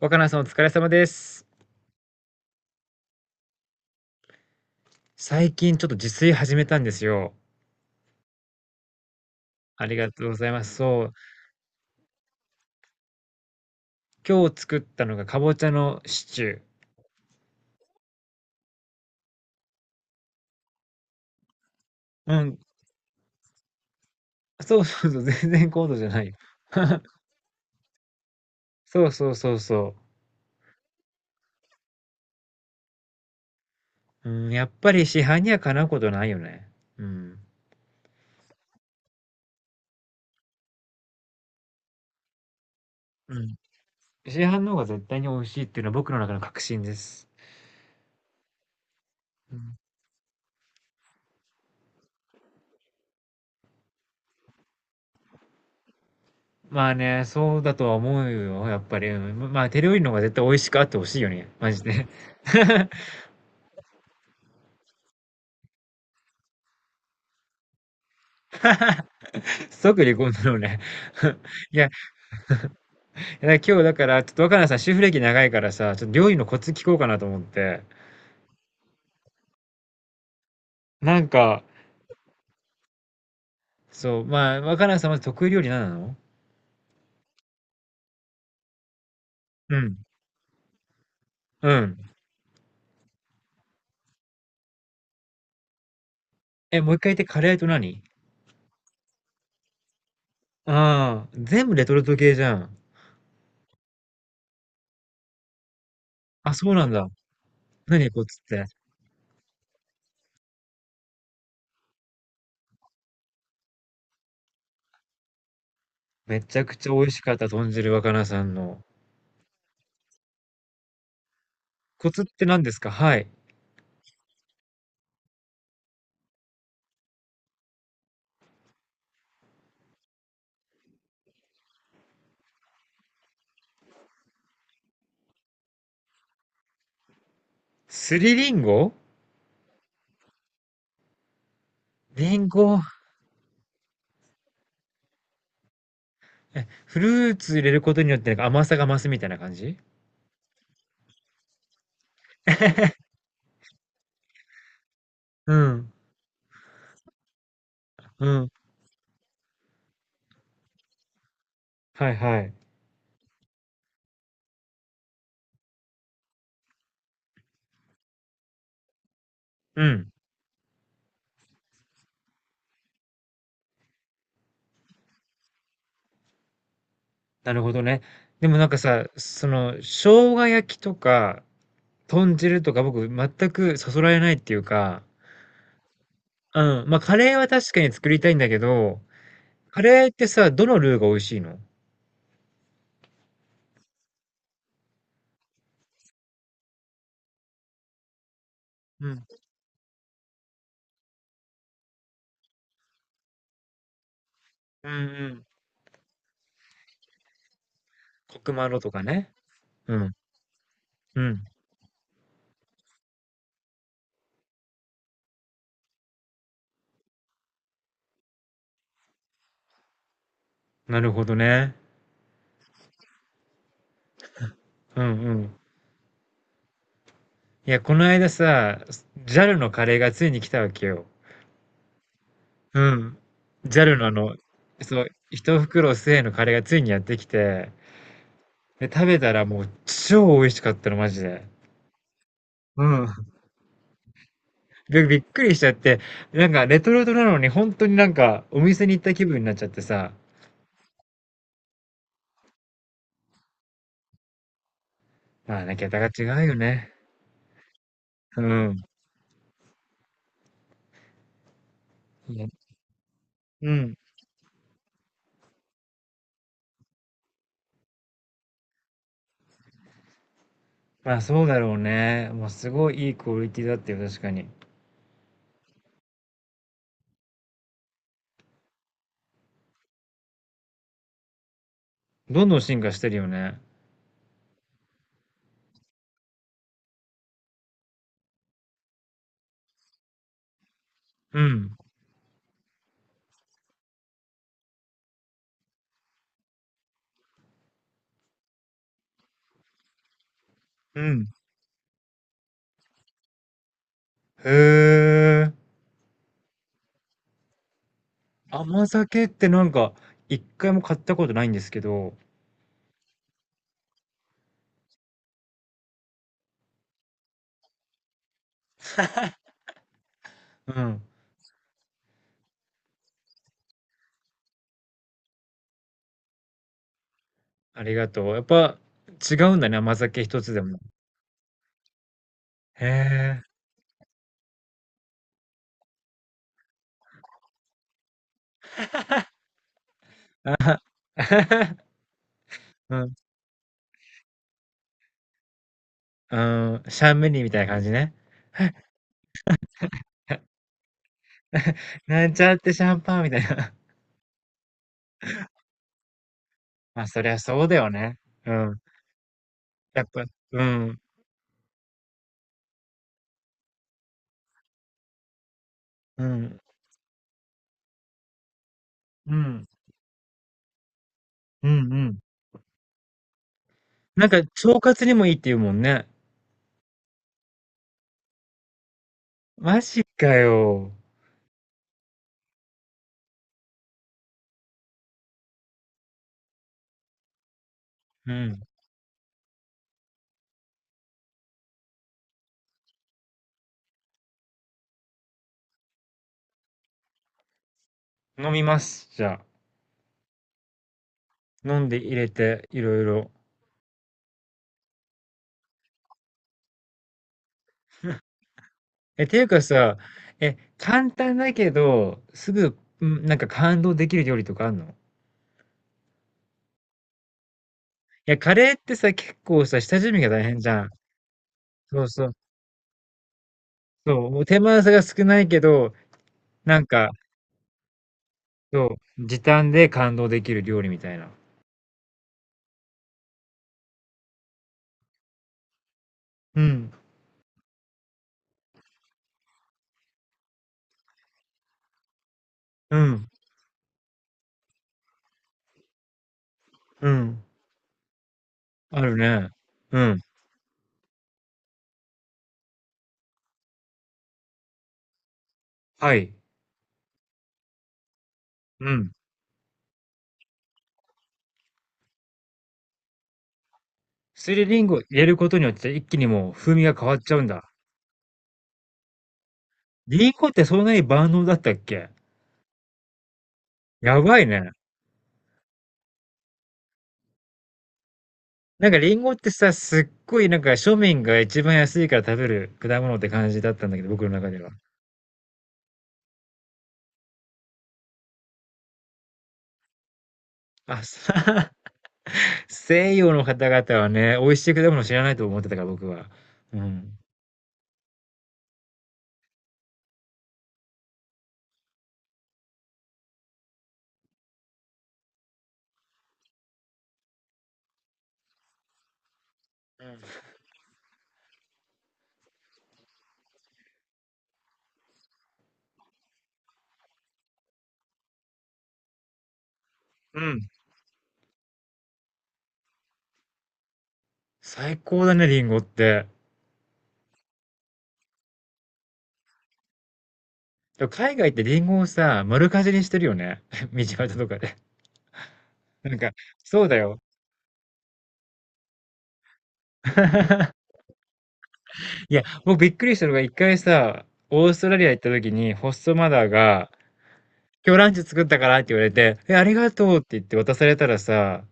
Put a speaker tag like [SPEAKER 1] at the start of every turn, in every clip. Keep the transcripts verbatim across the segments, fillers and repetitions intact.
[SPEAKER 1] 若菜さんお疲れ様です。最近ちょっと自炊始めたんですよ。ありがとうございます。そう。今日作ったのがかぼちゃのシチュー。うん。そうそうそう、全然高度じゃないよ。そうそうそうそう。うん、やっぱり市販にはかなうことないよね。うん。うん。市販の方が絶対に美味しいっていうのは僕の中の確信です。うん。まあね、そうだとは思うよ、やっぱり。うん。まあ手料理の方が絶対美味しくあってほしいよね。マジで。即離婚だろうね。いや、だ今日だから、ちょっと若菜さん、主婦歴長いからさ、ちょっと料理のコツ聞こうかなと思って。なんか、そう、まあ、若菜さんまず得意料理何なの？うん。うん。え、もう一回言って、カレーと何？ああ、全部レトルト系じゃん。あ、そうなんだ。何コツって？めちゃくちゃ美味しかった、豚汁若菜さんの。コツって何ですか？はい。すりりんご。りんご。え、フルーツ入れることによってなんか甘さが増すみたいな感じ？うん。うん。はいはい。うん。なるほどね。でもなんかさ、その、生姜焼きとか、豚汁とか僕全くそそられないっていうか、うん、まあカレーは確かに作りたいんだけど、カレーってさ、どのルーが美味しいの？うん。うんうん。コクマロとかね。うん。うん。なるほどね。うんうん。いや、この間さ、ジャルのカレーがついに来たわけよ。うん。ジャルのあの、そう、一袋1のカレーがついにやってきて、で、食べたらもう超美味しかったの、マジで。うん。びびっくりしちゃって、なんかレトルトなのに本当になんかお店に行った気分になっちゃってさ、まあね、桁が違うよね。うん。ね。うん。まあそうだろうね。まあすごいいいクオリティだったよ、確かに。どんどん進化してるよね。うん。うん。へえ。甘酒ってなんか一回も買ったことないんですけど、うん。ありがとう。やっぱ違うんだね、甘酒一つでも。へえ。うん。うん、シャンメリーみたいな感じね。なんちゃってシャンパンみたいな。まあ、そりゃそうだよね。うん。やっぱうん、うん、うん、うんうん。なんか腸活にもいいって言うもんね。マジかよ。うん、飲みます、じゃあ。飲んで入れて、いろいろ。え、ていうかさ、え、簡単だけど、すぐ、うん、なんか感動できる料理とかあんの？いや、カレーってさ、結構さ、下準備が大変じゃん。そうそう。そう、手間さが少ないけど、なんか、そう、時短で感動できる料理みたいな。うん、うん、うん。あるね。うん。はい。うん。すりりんご入れることによって一気にもう風味が変わっちゃうんだ。りんごってそんなに万能だったっけ？やばいね。なんかりんごってさ、すっごいなんか庶民が一番安いから食べる果物って感じだったんだけど、僕の中では。あ、さ、西洋の方々はね、美味しい果物知らないと思ってたから僕は。うん。うん。最高だね、リンゴって。でも海外ってリンゴをさ、丸かじりしてるよね。道端とかで。なんか、そうだよ。いや、僕びっくりしたのが一回さ、オーストラリア行った時にホストマザーが、今日ランチ作ったからって言われて、え、ありがとうって言って渡されたらさ、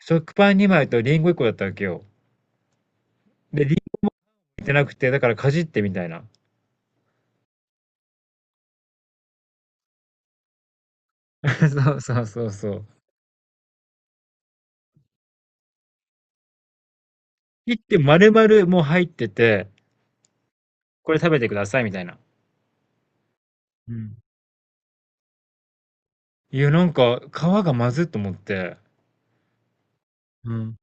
[SPEAKER 1] 食パンにまいとリンゴいっこだったわけよ。で、リンゴ入ってなくて、だからかじってみたいな。そうそうそうそう。切って丸々もう入ってて、これ食べてくださいみたいな。うん。いや、なんか、皮がまずっと思って。うん。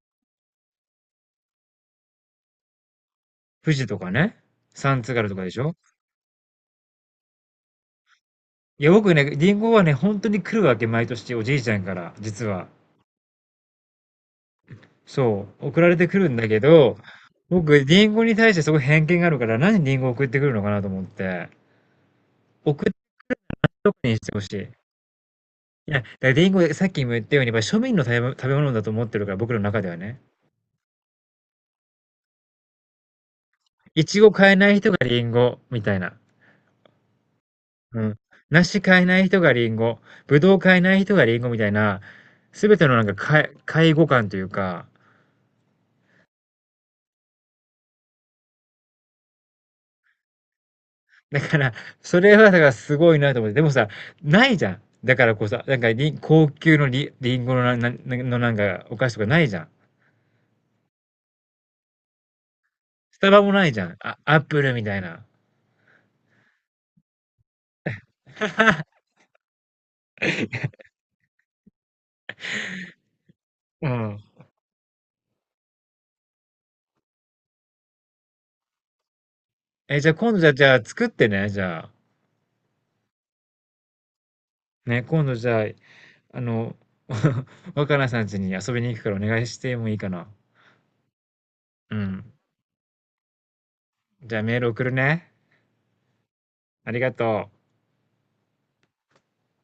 [SPEAKER 1] 富士とかね、三津軽とかでしょ？いや、僕ね、リンゴはね、本当に来るわけ、毎年、おじいちゃんから、実は。そう、送られてくるんだけど、僕、リンゴに対してすごい偏見があるから、何リンゴ送ってくるのかなと思って、送ってとこにしてほしい。いや、だからリンゴ、さっきも言ったように、まあ庶民の食べ物食べ物だと思ってるから、僕の中ではね。いちご買えない人がリンゴ、みたいな。うん。梨買えない人がリンゴ、ぶどう買えない人がリンゴみたいな、すべてのなんか、かい、介護感というか、だから、それはだからすごいなと思って、でもさ、ないじゃん。だからこうさ、なんかり高級のり、リンゴのな、な、なのなんかお菓子とかないじゃん。スタバもないじゃん。あ、アップルみたいな。うん。え、じゃあ今度じゃあ、じゃあ作ってね、じゃあ。ね、今度じゃあ、あの、若菜さん家に遊びに行くからお願いしてもいいかな。うん。じゃあメール送るね。ありがとう。